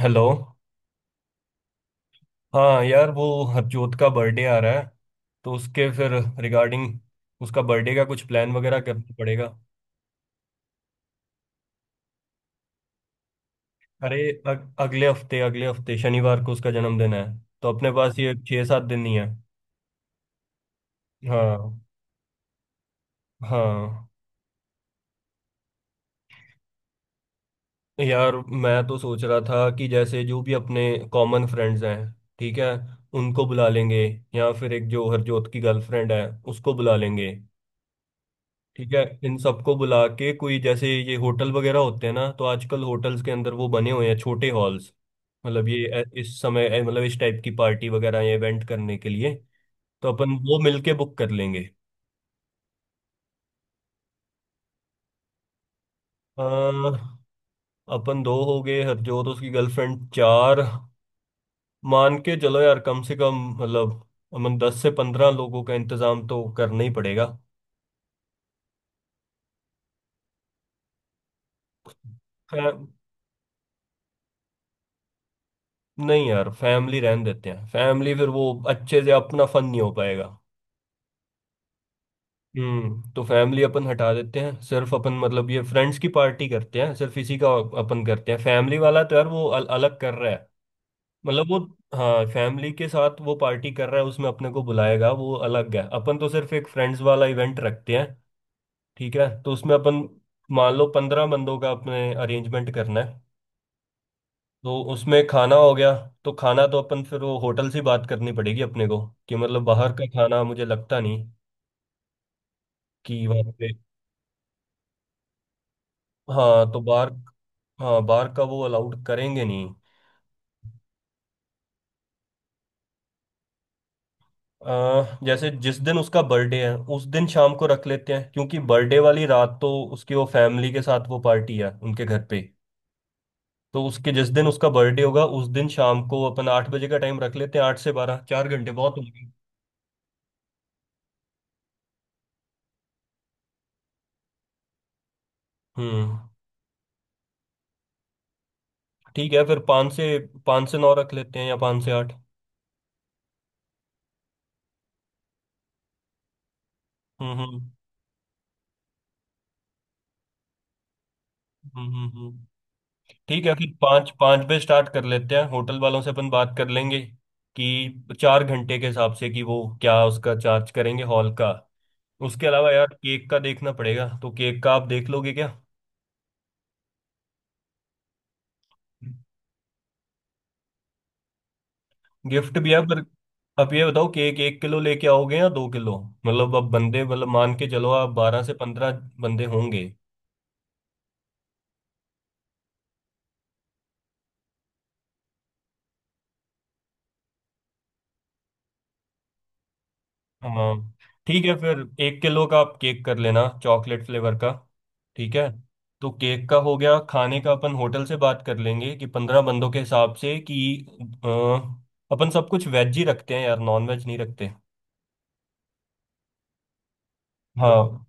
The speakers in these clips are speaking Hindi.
हेलो। हाँ यार, वो हरजोत का बर्थडे आ रहा है, तो उसके फिर रिगार्डिंग उसका बर्थडे का कुछ प्लान वगैरह करना पड़ेगा। अरे, अगले हफ्ते शनिवार को उसका जन्मदिन है, तो अपने पास ये 6-7 दिन ही है। हाँ, हाँ, यार मैं तो सोच रहा था कि जैसे जो भी अपने कॉमन फ्रेंड्स हैं, ठीक है, उनको बुला लेंगे, या फिर एक जो हरजोत की गर्लफ्रेंड है, उसको बुला लेंगे। ठीक है, इन सबको बुला के कोई जैसे ये होटल वगैरह होते हैं ना, तो आजकल होटल्स के अंदर वो बने हुए हैं छोटे हॉल्स। मतलब ये इस समय मतलब इस टाइप की पार्टी वगैरह या इवेंट करने के लिए। तो अपन वो मिलके बुक कर लेंगे। अ, अपन दो हो गए, हरजोत, उसकी गर्लफ्रेंड, चार। मान के चलो यार, कम से कम, मतलब, अमन 10 से 15 लोगों का इंतजाम तो करना ही पड़ेगा। फै- नहीं यार, फैमिली रहने देते हैं, फैमिली फिर वो अच्छे से अपना फन नहीं हो पाएगा। तो फैमिली अपन हटा देते हैं, सिर्फ अपन, मतलब ये फ्रेंड्स की पार्टी करते हैं, सिर्फ इसी का अपन करते हैं, फैमिली वाला तो यार वो अलग कर रहा है, मतलब वो। हाँ, फैमिली के साथ वो पार्टी कर रहा है, उसमें अपने को बुलाएगा वो अलग है, अपन तो सिर्फ एक फ्रेंड्स वाला इवेंट रखते हैं। ठीक है, तो उसमें अपन मान लो 15 बंदों का अपने अरेंजमेंट करना है। तो उसमें खाना हो गया, तो खाना तो अपन फिर वो होटल से बात करनी पड़ेगी अपने को, कि मतलब बाहर का खाना मुझे लगता नहीं कि वहाँ पे। हाँ, तो बाहर। हाँ, बार का वो अलाउड करेंगे नहीं। जैसे जिस दिन उसका बर्थडे है उस दिन शाम को रख लेते हैं, क्योंकि बर्थडे वाली रात तो उसकी वो फैमिली के साथ वो पार्टी है उनके घर पे। तो उसके जिस दिन उसका बर्थडे होगा उस दिन शाम को अपन 8 बजे का टाइम रख लेते हैं, 8 से 12, 4 घंटे बहुत हो गए। हम्म ठीक है, फिर पाँच से नौ रख लेते हैं या 5 से 8। हम्म, हम्म, हम्म, हम्म, ठीक है, कि पाँच पाँच पे स्टार्ट कर लेते हैं, होटल वालों से अपन बात कर लेंगे कि 4 घंटे के हिसाब से कि वो क्या उसका चार्ज करेंगे हॉल का। उसके अलावा यार केक का देखना पड़ेगा, तो केक का आप देख लोगे क्या? गिफ्ट भी है पर, आप ये बताओ केक 1 किलो लेके आओगे या 2 किलो? मतलब अब बंदे मतलब मान के चलो, आप 12 से 15 बंदे होंगे। हाँ ठीक है, फिर 1 किलो का आप केक कर लेना, चॉकलेट फ्लेवर का। ठीक है, तो केक का हो गया। खाने का अपन होटल से बात कर लेंगे कि 15 बंदों के हिसाब से कि अ, अपन सब कुछ वेज ही रखते हैं यार, नॉन वेज नहीं रखते। हाँ,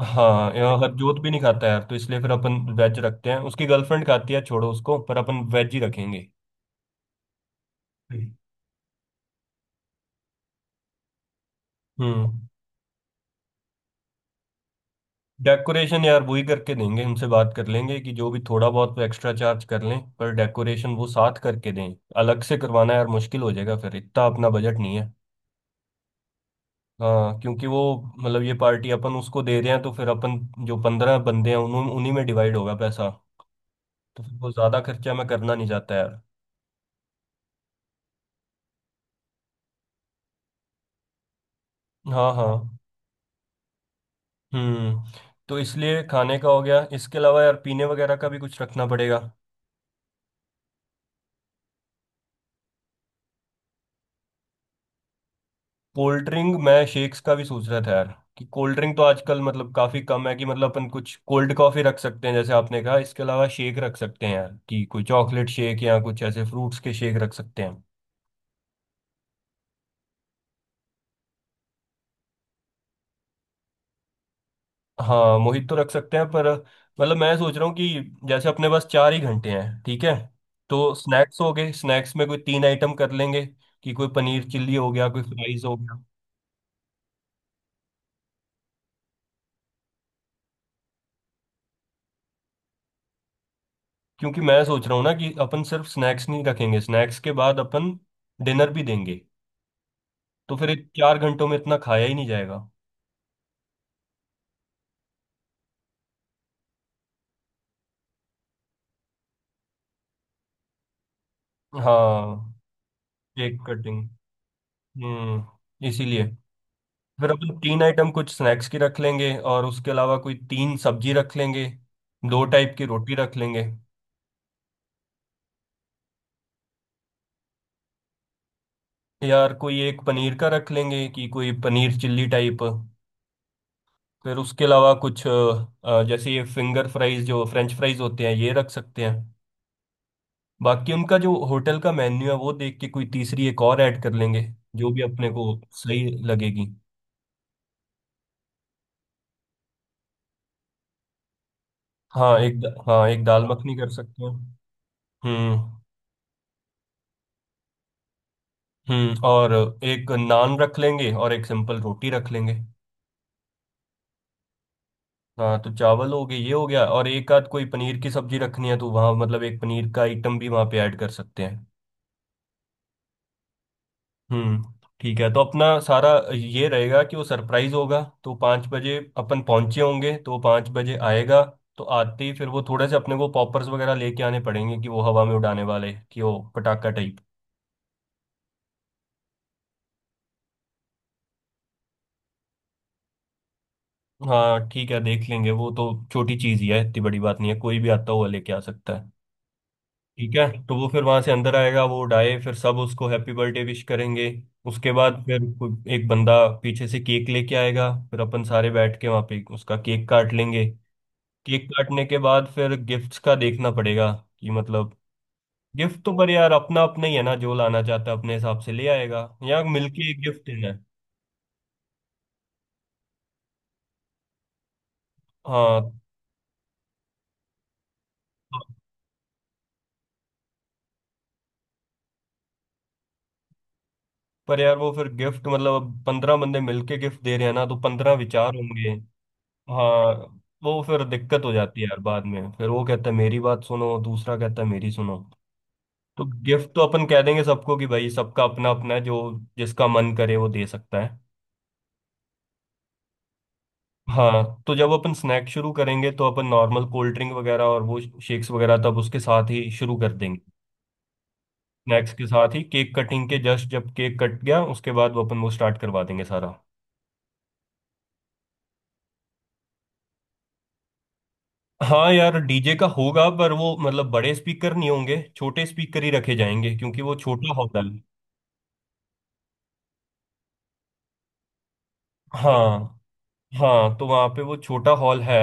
हाँ यार हरजोत भी नहीं खाता यार, तो इसलिए फिर अपन वेज रखते हैं, उसकी गर्लफ्रेंड खाती है, छोड़ो उसको, पर अपन वेज ही रखेंगे। हम्म डेकोरेशन यार वही करके देंगे, उनसे बात कर लेंगे कि जो भी थोड़ा बहुत तो एक्स्ट्रा चार्ज कर लें, पर डेकोरेशन वो साथ करके दें। अलग से करवाना यार मुश्किल हो जाएगा, फिर इतना अपना बजट नहीं है। हाँ, क्योंकि वो मतलब ये पार्टी अपन उसको दे रहे हैं, तो फिर अपन जो पंद्रह बंदे हैं उन्हीं में डिवाइड होगा पैसा। तो फिर वो ज़्यादा खर्चा मैं करना नहीं चाहता यार। हाँ, हाँ। हम्म तो इसलिए खाने का हो गया, इसके अलावा यार पीने वगैरह का भी कुछ रखना पड़ेगा। कोल्ड ड्रिंक, मैं शेक्स का भी सोच रहा था यार, कि कोल्ड ड्रिंक तो आजकल मतलब काफी कम है, कि मतलब अपन कुछ कोल्ड कॉफी रख सकते हैं जैसे आपने कहा, इसके अलावा शेक रख सकते हैं यार, कि कोई चॉकलेट शेक या कुछ ऐसे फ्रूट्स के शेक रख सकते हैं। हाँ, मोहित तो रख सकते हैं पर, मतलब मैं सोच रहा हूँ कि जैसे अपने पास 4 ही घंटे हैं, ठीक है, तो स्नैक्स हो गए। स्नैक्स में कोई 3 आइटम कर लेंगे, कि कोई पनीर चिल्ली हो गया, कोई फ्राइज हो गया। क्योंकि मैं सोच रहा हूँ ना कि अपन सिर्फ स्नैक्स नहीं रखेंगे, स्नैक्स के बाद अपन डिनर भी देंगे, तो फिर एक 4 घंटों में इतना खाया ही नहीं जाएगा। हाँ, केक कटिंग। इसीलिए फिर अपन 3 आइटम कुछ स्नैक्स की रख लेंगे, और उसके अलावा कोई 3 सब्जी रख लेंगे, दो टाइप की रोटी रख लेंगे। यार कोई एक पनीर का रख लेंगे, कि कोई पनीर चिल्ली टाइप। फिर उसके अलावा कुछ जैसे ये फिंगर फ्राइज जो फ्रेंच फ्राइज होते हैं, ये रख सकते हैं। बाकी उनका जो होटल का मेन्यू है वो देख के कोई तीसरी एक और ऐड कर लेंगे, जो भी अपने को सही लगेगी। हाँ, हाँ, एक दाल मखनी कर सकते हैं। हम्म, हम्म। और एक नान रख लेंगे और एक सिंपल रोटी रख लेंगे। हाँ, तो चावल हो गए, ये हो गया, और एक आध कोई पनीर की सब्जी रखनी है, तो वहाँ मतलब एक पनीर का आइटम भी वहाँ पे ऐड कर सकते हैं। हम्म ठीक है, तो अपना सारा ये रहेगा कि वो सरप्राइज होगा, तो 5 बजे अपन पहुँचे होंगे, तो 5 बजे आएगा। तो आते ही फिर वो थोड़े से अपने को पॉपर्स वगैरह लेके आने पड़ेंगे, कि वो हवा में उड़ाने वाले, कि वो पटाखा टाइप। हाँ ठीक है, देख लेंगे वो तो, छोटी चीज ही है, इतनी बड़ी बात नहीं है, कोई भी आता हुआ लेके आ सकता है। ठीक है, तो वो फिर वहां से अंदर आएगा, वो उड़ाए, फिर सब उसको हैप्पी बर्थडे विश करेंगे। उसके बाद फिर एक बंदा पीछे से केक लेके आएगा, फिर अपन सारे बैठ के वहां पे उसका केक काट लेंगे। केक काटने के बाद फिर गिफ्ट्स का देखना पड़ेगा, कि मतलब। गिफ्ट तो पर यार अपना अपना ही है ना, जो लाना चाहता है अपने हिसाब से ले आएगा, या मिलके एक गिफ्ट देना है। हाँ, पर यार वो फिर गिफ्ट मतलब, अब 15 बंदे मिलके गिफ्ट दे रहे हैं ना, तो 15 विचार होंगे। हाँ, वो फिर दिक्कत हो जाती है यार, बाद में फिर वो कहता है मेरी बात सुनो, दूसरा कहता है मेरी सुनो। तो गिफ्ट तो अपन कह देंगे सबको कि भाई सबका अपना अपना है, जो जिसका मन करे वो दे सकता है। हाँ, तो जब अपन स्नैक शुरू करेंगे तो अपन नॉर्मल कोल्ड ड्रिंक वगैरह और वो शेक्स वगैरह तब उसके साथ ही शुरू कर देंगे। स्नैक्स के साथ ही, केक कटिंग के जस्ट जब केक कट गया उसके बाद, वो अपन वो स्टार्ट करवा देंगे सारा। हाँ यार, डीजे का होगा पर वो मतलब बड़े स्पीकर नहीं होंगे, छोटे स्पीकर ही रखे जाएंगे, क्योंकि वो छोटा हॉल है। हाँ, हाँ, तो वहाँ पे वो छोटा हॉल है,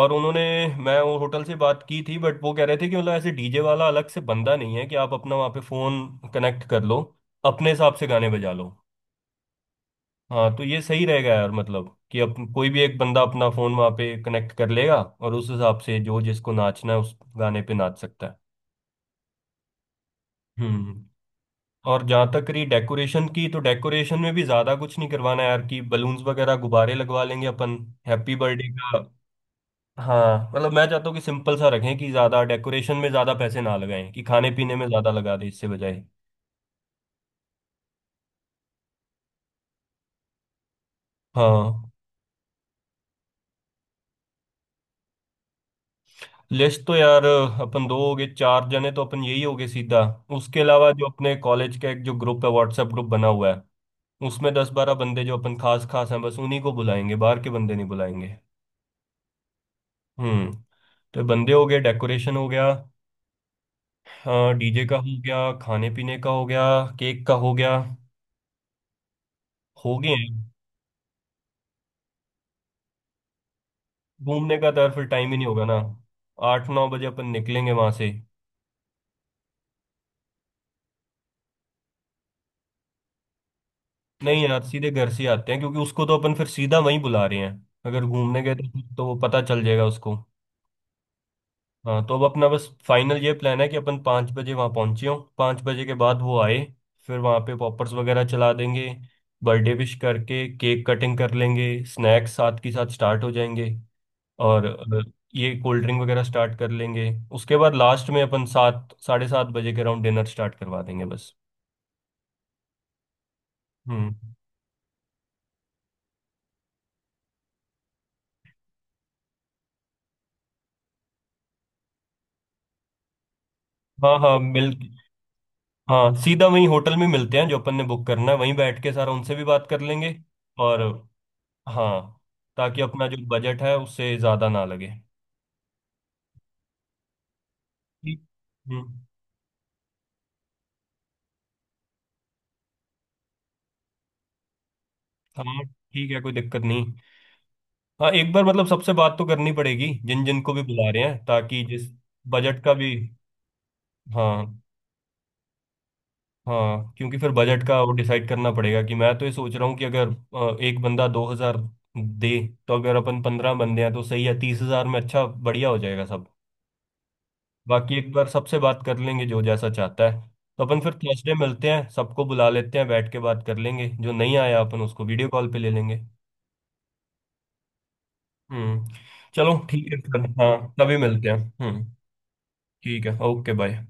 और उन्होंने मैं वो होटल से बात की थी बट वो कह रहे थे कि मतलब ऐसे डीजे वाला अलग से बंदा नहीं है, कि आप अपना वहाँ पे फोन कनेक्ट कर लो, अपने हिसाब से गाने बजा लो। हाँ, तो ये सही रहेगा यार, मतलब कि अब कोई भी एक बंदा अपना फोन वहाँ पे कनेक्ट कर लेगा, और उस हिसाब से जो जिसको नाचना है उस गाने पे नाच सकता है। हम्म और जहाँ तक रही डेकोरेशन की, तो डेकोरेशन में भी ज़्यादा कुछ नहीं करवाना है यार, कि बलून्स वगैरह गुब्बारे लगवा लेंगे अपन, हैप्पी बर्थडे का। हाँ, मतलब मैं चाहता हूँ कि सिंपल सा रखें, कि ज़्यादा डेकोरेशन में ज़्यादा पैसे ना लगाएं, कि खाने पीने में ज़्यादा लगा दें इससे बजाय। हाँ, लिस्ट तो यार अपन दो हो गए, चार जने तो अपन यही हो गए सीधा। उसके अलावा जो अपने कॉलेज का एक जो ग्रुप है, व्हाट्सएप ग्रुप बना हुआ है, उसमें 10-12 बंदे जो अपन खास खास हैं, बस उन्हीं को बुलाएंगे, बाहर के बंदे नहीं बुलाएंगे। हम्म तो बंदे हो गए, डेकोरेशन हो गया, हाँ डीजे का हो गया, खाने पीने का हो गया, केक का हो गया। हो गए हैं। घूमने का तो यार फिर टाइम ही नहीं होगा ना, 8-9 बजे अपन निकलेंगे वहां से। नहीं यार, सीधे घर से ही आते हैं, क्योंकि उसको तो अपन फिर सीधा वहीं बुला रहे हैं, अगर घूमने गए तो वो पता चल जाएगा उसको। हाँ, तो अब अपना बस फाइनल ये प्लान है कि अपन 5 बजे वहाँ पहुँचे हों, 5 बजे के बाद वो आए, फिर वहाँ पे पॉपर्स वगैरह चला देंगे, बर्थडे विश करके केक कटिंग कर लेंगे, स्नैक्स साथ के साथ स्टार्ट हो जाएंगे, और ये कोल्ड ड्रिंक वगैरह स्टार्ट कर लेंगे। उसके बाद लास्ट में अपन 7-7:30 बजे के अराउंड डिनर स्टार्ट करवा देंगे बस। हम्म। हाँ, हाँ, मिल हाँ, सीधा वहीं होटल में मिलते हैं, जो अपन ने बुक करना है, वहीं बैठ के सारा उनसे भी बात कर लेंगे। और, हाँ, ताकि अपना जो बजट है उससे ज़्यादा ना लगे। ठीक। हम्म। हाँ ठीक है, कोई दिक्कत नहीं। हाँ, एक बार मतलब सबसे बात तो करनी पड़ेगी जिन जिन को भी बुला रहे हैं, ताकि जिस बजट का भी। हाँ, हाँ, क्योंकि फिर बजट का वो डिसाइड करना पड़ेगा, कि मैं तो ये सोच रहा हूँ कि अगर एक बंदा 2,000 दे, तो अगर अपन 15 बंदे हैं तो सही है, 30,000 में अच्छा बढ़िया हो जाएगा सब। बाकी एक बार सबसे बात कर लेंगे जो जैसा चाहता है। तो अपन फिर थर्सडे मिलते हैं, सबको बुला लेते हैं, बैठ के बात कर लेंगे, जो नहीं आया अपन उसको वीडियो कॉल पे ले लेंगे। हम्म। चलो ठीक है, फिर हाँ तभी मिलते हैं। हम्म, ठीक है, ओके बाय।